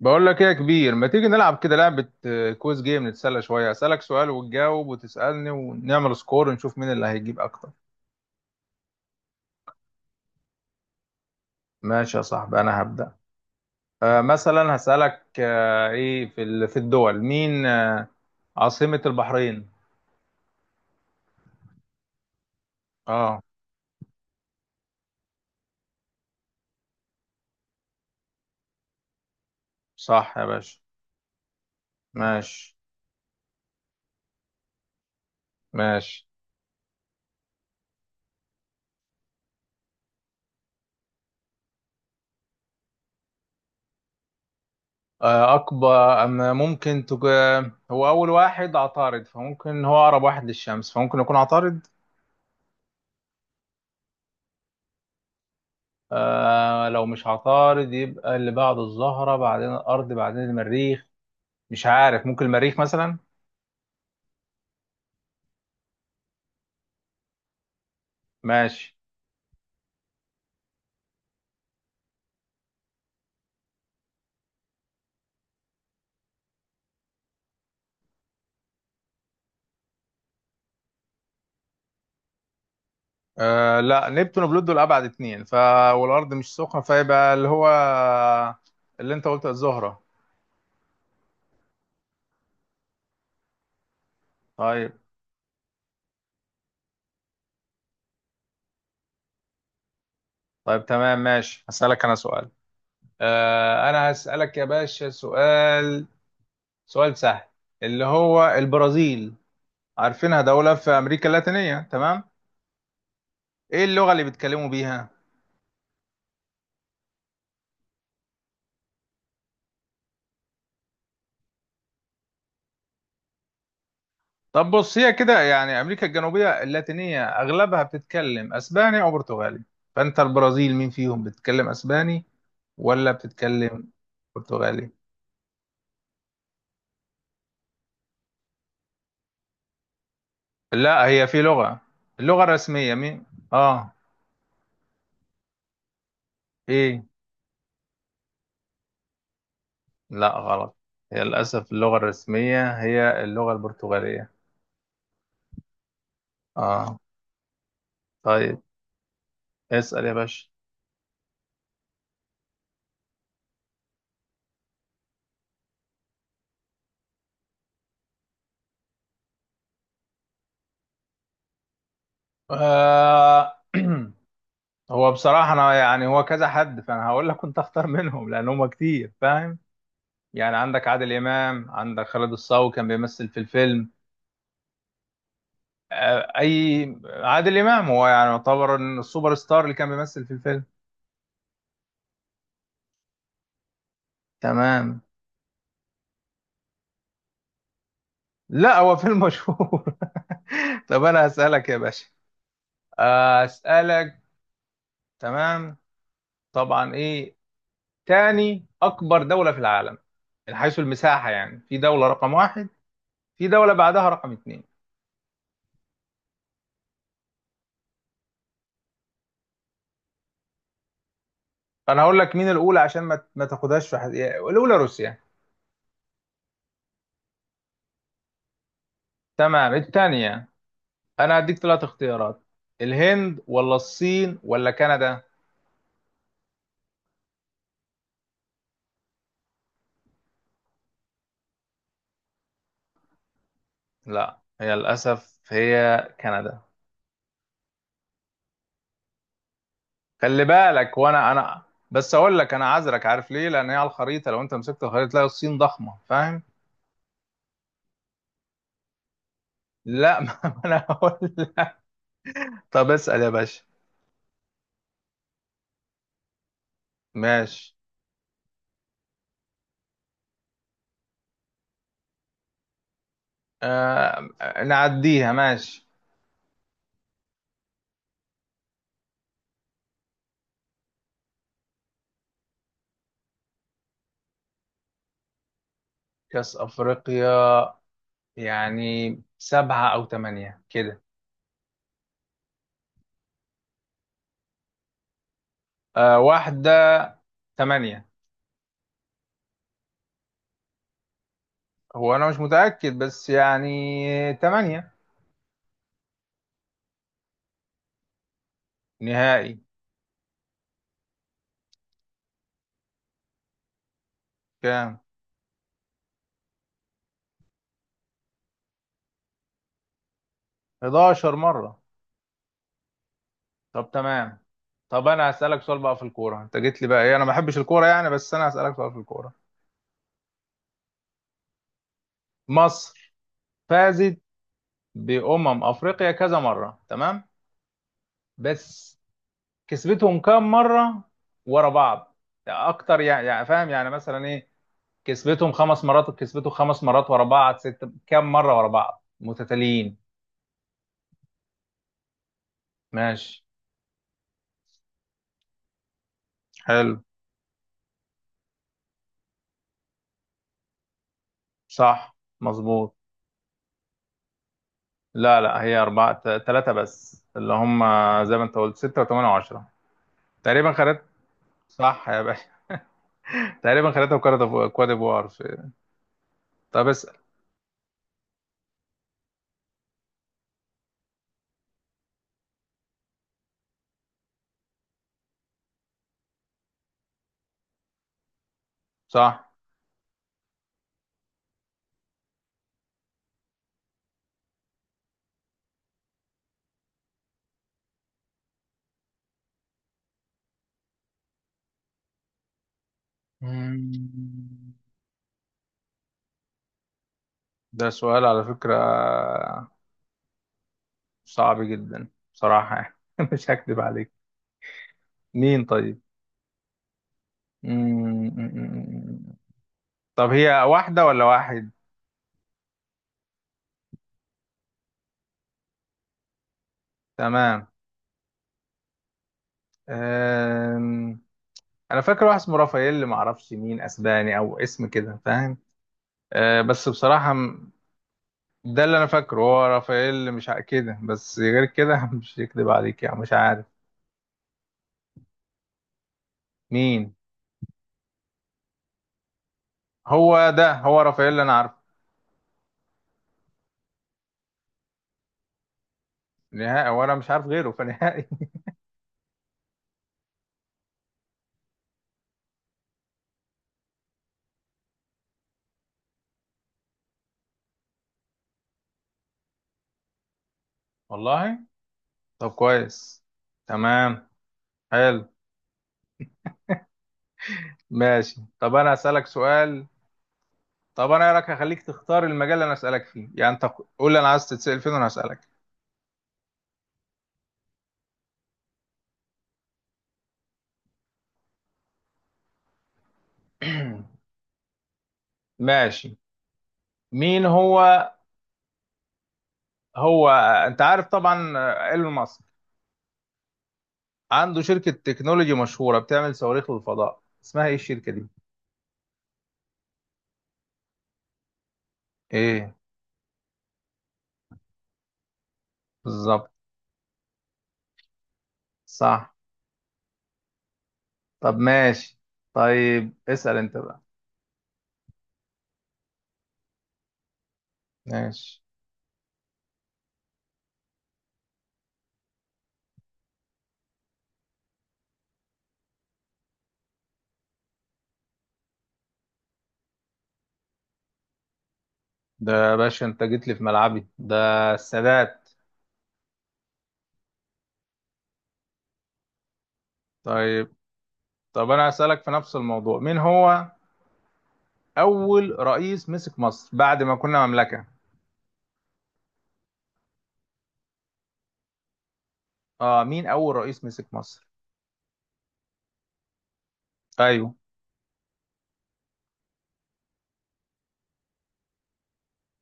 بقول لك ايه يا كبير، ما تيجي نلعب كده لعبة كويز جيم نتسلى شوية؟ أسألك سؤال وتجاوب وتسألني ونعمل سكور ونشوف مين اللي هيجيب أكتر. ماشي يا صاحبي، أنا هبدأ. مثلا هسألك، ايه في الدول مين، عاصمة البحرين. اه، صح يا باشا. ماشي ماشي. أكبر، أما ممكن هو أول واحد عطارد، فممكن هو أقرب واحد للشمس، فممكن يكون عطارد. لو مش عطارد يبقى اللي بعد الزهرة بعدين الأرض بعدين المريخ. مش عارف، ممكن المريخ مثلا. ماشي. لا، نبتون وبلوت دول أبعد اتنين ف والأرض مش سخنة، فيبقى اللي هو اللي أنت قلته الزهرة. طيب. طيب تمام، ماشي هسألك أنا سؤال. أنا هسألك يا باشا سؤال. سؤال سهل. اللي هو البرازيل، عارفينها دولة في أمريكا اللاتينية، تمام؟ إيه اللغة اللي بيتكلموا بيها؟ طب بص، هي كده يعني امريكا الجنوبيه اللاتينيه اغلبها بتتكلم اسباني او برتغالي. فانت البرازيل مين فيهم؟ بتتكلم اسباني ولا بتتكلم برتغالي؟ لا، هي في لغه، اللغه الرسميه مين؟ اه. ايه؟ لا، غلط. هي للاسف اللغه الرسميه هي اللغه البرتغاليه. اه. طيب، اسال يا باشا. آه. هو بصراحه انا يعني هو كذا حد، فانا هقول لك كنت اختار منهم لان هم كتير، فاهم؟ يعني عندك عادل إمام، عندك خالد الصاوي كان بيمثل في الفيلم. أي عادل إمام هو يعني يعتبر إن السوبر ستار اللي كان بيمثل في الفيلم. تمام. لا، هو فيلم مشهور. طب أنا هسألك يا باشا. أسألك. تمام. طبعا، إيه تاني أكبر دولة في العالم؟ من حيث المساحة يعني، في دولة رقم واحد، في دولة بعدها رقم اتنين. فأنا هقول لك مين الأولى عشان ما تاخدهاش الأولى روسيا. تمام، الثانية. انا هديك ثلاث اختيارات: الهند ولا الصين ولا كندا؟ لا، هي للاسف هي كندا. خلي بالك، وانا بس اقول لك انا عذرك، عارف ليه؟ لان هي على الخريطه، لو انت مسكت الخريطه تلاقي الصين ضخمه، فاهم. لا. ما انا هقول لك. طب اسال يا باشا. ماشي. آه نعديها ماشي. كاس افريقيا، يعني سبعة او ثمانية كده. واحدة. ثمانية. هو انا مش متأكد بس يعني، ثمانية. نهائي. كام؟ 11 مرة. طب تمام. طب انا هسألك سؤال بقى في الكورة، انت جيت لي بقى، ايه، انا ما بحبش الكورة يعني، بس انا هسألك سؤال في الكورة. مصر فازت بأمم افريقيا كذا مرة، تمام. بس كسبتهم كام مرة ورا بعض؟ يعني اكتر، يعني فاهم، يعني مثلا ايه، كسبتهم خمس مرات ورا بعض، ست كام مرة ورا بعض متتاليين؟ ماشي. حلو. صح مظبوط. لا لا، هي أربعة، ثلاثة بس اللي هم زي ما أنت قلت، ستة وثمانية وعشرة. تقريبا خدت. صح يا باشا. تقريبا خدتها، وكواد ديفوار طب اسأل. صح. مم. ده سؤال على فكرة صعب جدا، بصراحة يعني. مش هكذب عليك، مين طيب؟ مم. طب هي واحدة ولا واحد؟ تمام. أم... أنا فاكر واحد اسمه رافائيل، ما أعرفش، مين أسباني أو اسم كده، فاهم؟ بس بصراحة ده اللي انا فاكره، هو رافائيل، مش كده، بس غير كده مش يكذب عليك يعني، مش عارف مين. هو ده، هو رافائيل اللي انا عارفه. نهائي، وانا مش عارف غيره فنهائي. والله. طب كويس. تمام. حلو. ماشي، طب انا اسالك سؤال. طب انا إيه رايك، هخليك تختار المجال اللي انا اسالك فيه، يعني انت قول لي انا عايز تتسال فين وانا هسالك. ماشي. مين هو، هو انت عارف طبعا، ايلون ماسك، عنده شركه تكنولوجي مشهوره بتعمل صواريخ للفضاء، اسمها ايه الشركه دي؟ ايه. بالظبط. صح. طب ماشي. طيب اسأل انت بقى. ماشي. ده يا باشا، انت جيت لي في ملعبي ده: السادات. طيب. طب انا هسألك في نفس الموضوع، مين هو اول رئيس مسك مصر بعد ما كنا مملكة؟ اه، مين اول رئيس مسك مصر؟ ايوه.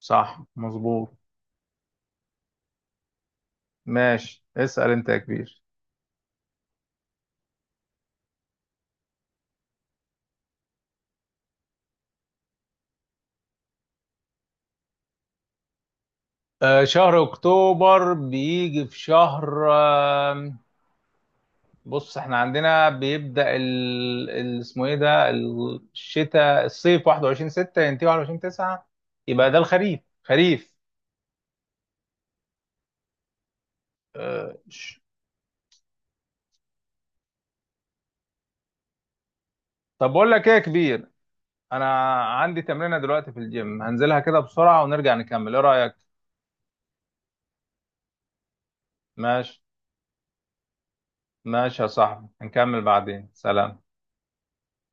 صح مظبوط. ماشي، اسأل انت يا كبير. شهر اكتوبر بيجي في شهر، بص احنا عندنا بيبدأ اسمه ايه ده، الشتاء، الصيف 21 6 ينتهي 21 9، يبقى ده الخريف، خريف. اه... ش- طب بقول لك ايه يا كبير، انا عندي تمرينة دلوقتي في الجيم هنزلها كده بسرعة ونرجع نكمل، ايه رأيك؟ ماشي. ماشي يا صاحبي، هنكمل بعدين سلام.